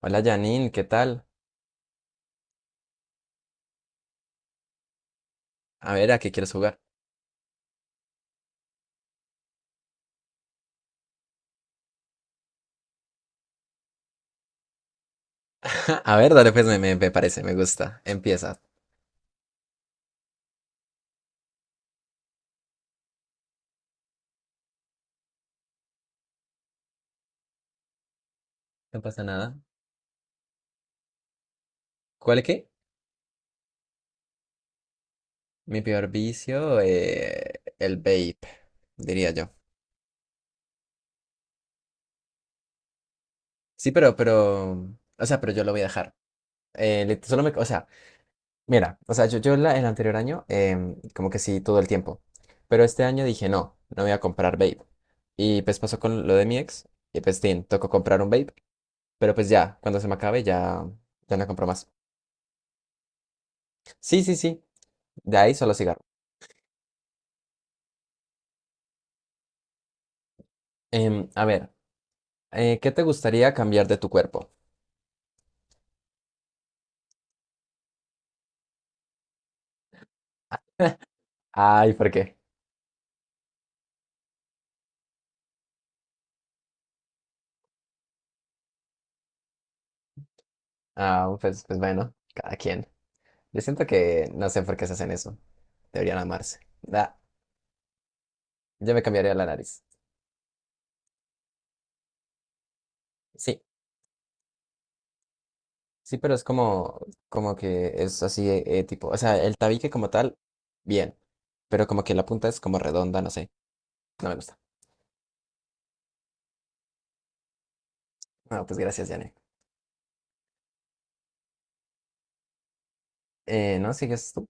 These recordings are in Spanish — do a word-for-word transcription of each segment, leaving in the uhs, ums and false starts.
Hola Janine, ¿qué tal? A ver, ¿a qué quieres jugar? A ver, dale, pues me, me- me parece, me gusta. Empieza. No pasa nada. ¿Cuál es qué? Mi peor vicio, eh, el vape, diría yo. Sí, pero, pero, o sea, pero yo lo voy a dejar. Eh, lit- solo me, o sea, mira, o sea, yo, yo la- el anterior año, em, como que sí, todo el tiempo. Pero este año dije, no, no voy a comprar vape. Y pues pasó con lo de mi ex, y pues, tin, tocó comprar un vape. Pero pues ya, cuando se me acabe, ya, ya no compro más. Sí, sí, sí. De ahí solo cigarro. Em, a ver, eh, ¿qué te gustaría cambiar de tu cuerpo? Ay, ¿por qué? Ah, pues, pues bueno, cada quien. Yo siento que no sé por qué se hacen eso. Deberían amarse. Da, yo me cambiaría la nariz. Sí, sí, pero es como, como que es así, eh, eh, tipo, o sea, el tabique como tal, bien, pero como que la punta es como redonda, no sé, no me gusta. No, pues gracias, Yane. Eh, ¿no? ¿Sigues tú?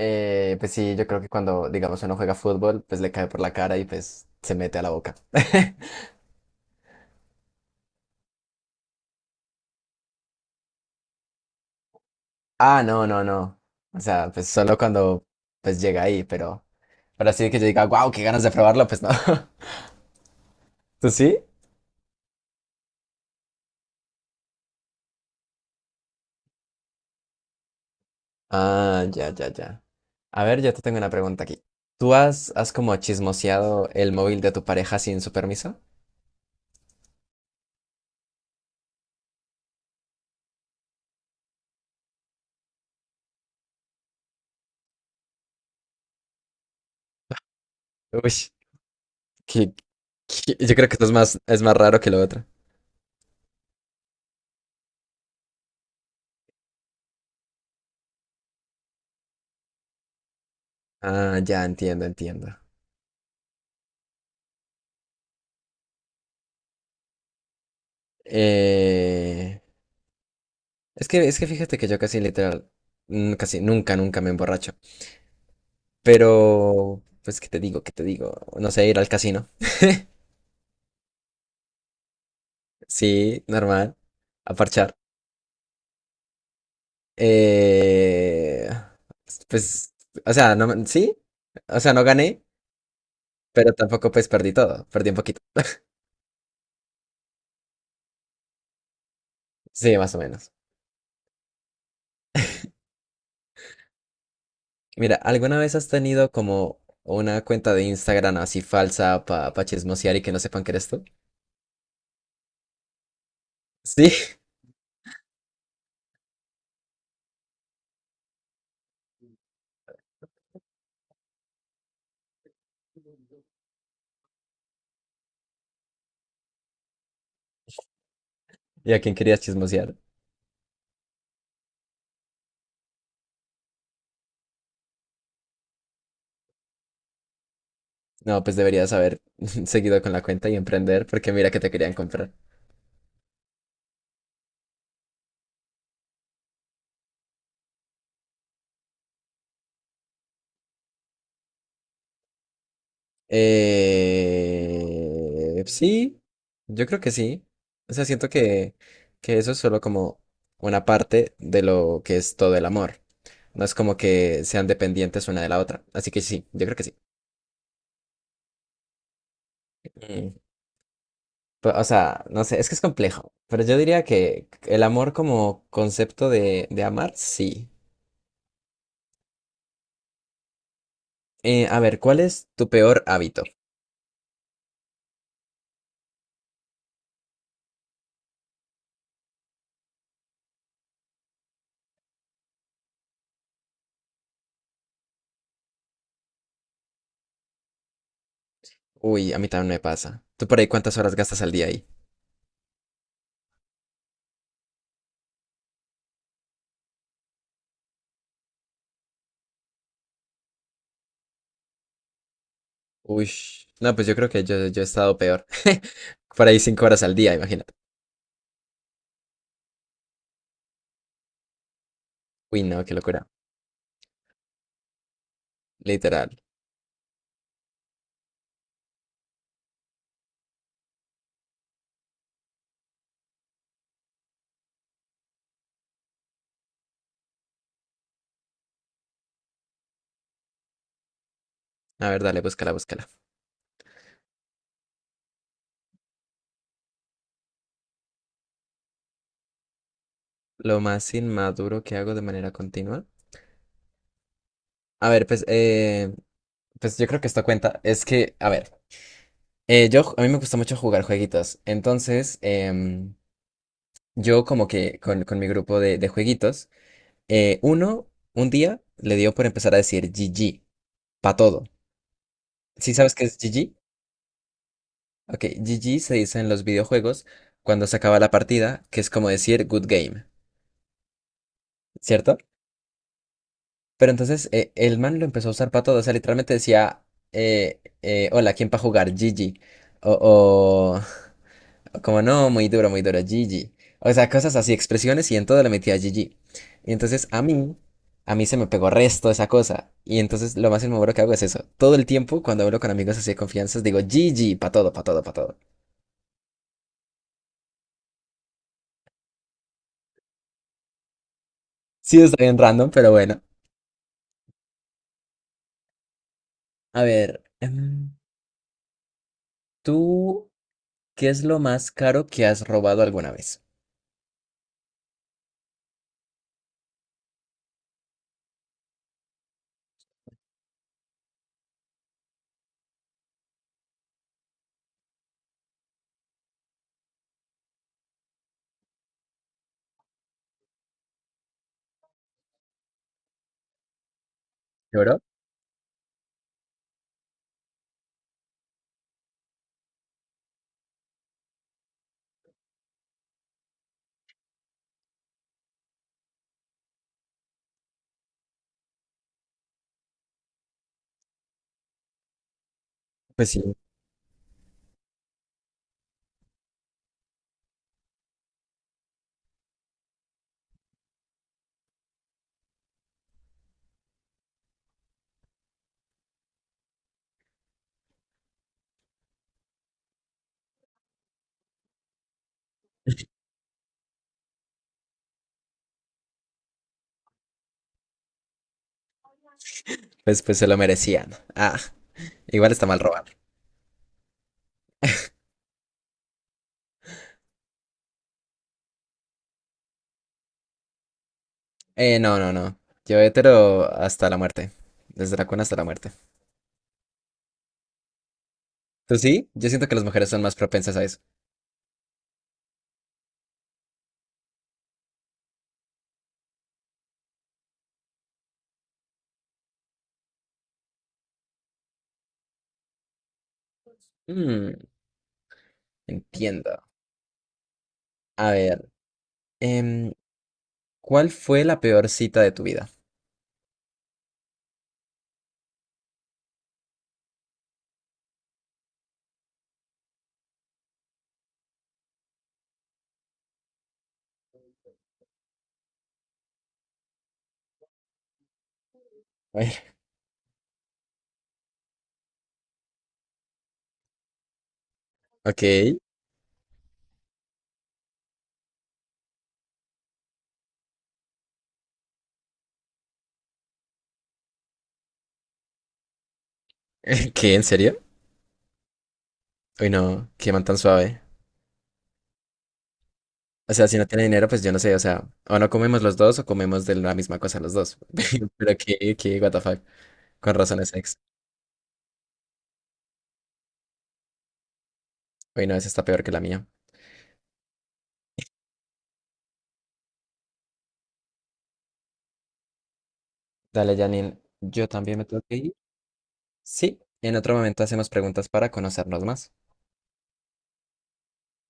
Eh, pues sí, yo creo que cuando, digamos, uno juega fútbol, pues le cae por la cara y pues se mete a la boca. Ah, no, no, no. O sea, pues solo cuando pues llega ahí, pero, pero así de que yo diga, wow, qué ganas de probarlo, pues no. ¿Tú sí? Ah, ya, ya, ya. A ver, yo te tengo una pregunta aquí. ¿Tú has, has como chismoseado el móvil de tu pareja sin su permiso? Uy, que- que- yo creo que esto es más, es más raro que lo otro. Ah, ya entiendo, entiendo. Eh, es que, es que fíjate que yo casi literal, mm, casi nunca, nunca me emborracho. Pero, pues, ¿qué te digo? ¿Qué te digo? No sé, ir al casino. Sí, normal. A parchar. Eh, pues, o sea, no, me- sí. O sea, no gané, pero tampoco pues perdí todo. Perdí un poquito. Sí, más o menos. Mira, ¿alguna vez has tenido como una cuenta de Instagram así falsa para pa pa chismosear y que no sepan que eres tú? Sí. ¿Y a quién querías chismosear? No, pues deberías haber seguido con la cuenta y emprender porque mira que te querían comprar. Eh, sí, yo creo que sí. O sea, siento que, que eso es solo como una parte de lo que es todo el amor. No es como que sean dependientes una de la otra. Así que sí, yo creo que sí. Mm. Pe- O sea, no sé, es que es complejo. Pero yo diría que el amor como concepto de, de amar, sí. Eh, a ver, ¿cuál es tu peor hábito? Uy, a mí también me pasa. ¿Tú por ahí cuántas horas gastas al día ahí? Uy, no, pues yo creo que yo, yo he estado peor. Por ahí cinco horas al día, imagínate. Uy, no, qué locura. Literal. A ver, dale, búscala, búscala. Lo más inmaduro que hago de manera continua. A ver, pues, eh, pues yo creo que esto cuenta. Es que, a ver, eh, yo, a mí me gusta mucho jugar jueguitos. Entonces, em, yo como que con, con mi grupo de, de jueguitos, eh, uno, un día le dio por empezar a decir G G, pa' todo. ¿Sí sabes qué es G G? Ok, G G se dice en los videojuegos cuando se acaba la partida, que es como decir good game, ¿cierto? Pero entonces eh, el man lo empezó a usar para todo, o sea, literalmente decía, eh, eh, hola, ¿quién para jugar? G G. O, o, o como no, muy duro, muy duro, G G. O sea, cosas así, expresiones y en todo le metía G G. Y entonces a mí, a mí se me pegó resto esa cosa. Y entonces lo más inmaduro que hago es eso. Todo el tiempo cuando hablo con amigos así de confianzas digo G G, para todo, para todo, para todo. Sí, está bien random, pero bueno. A ver, em, ¿tú qué es lo más caro que has robado alguna vez? ¿Lloró? Pues sí, pues, pues se lo merecían. Ah, igual está mal robar. Eh, no, no, no. Yo hetero hasta la muerte. Desde la cuna hasta la muerte. ¿Tú sí? Yo siento que las mujeres son más propensas a eso. Mm, entiendo. A ver, em, ¿cuál fue la peor cita de tu vida? A ver, ok. ¿Qué? ¿En serio? Uy, no, qué man tan suave. O sea, si no tiene dinero, pues yo no sé, o sea, o no comemos los dos o comemos de la misma cosa los dos. Pero qué, qué, what the fuck, con razones ex. Uy, no, esa está peor que la mía. Dale, Janine, yo también me tengo que ir. Sí, en otro momento hacemos preguntas para conocernos más.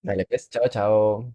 Dale, pues, chao, chao.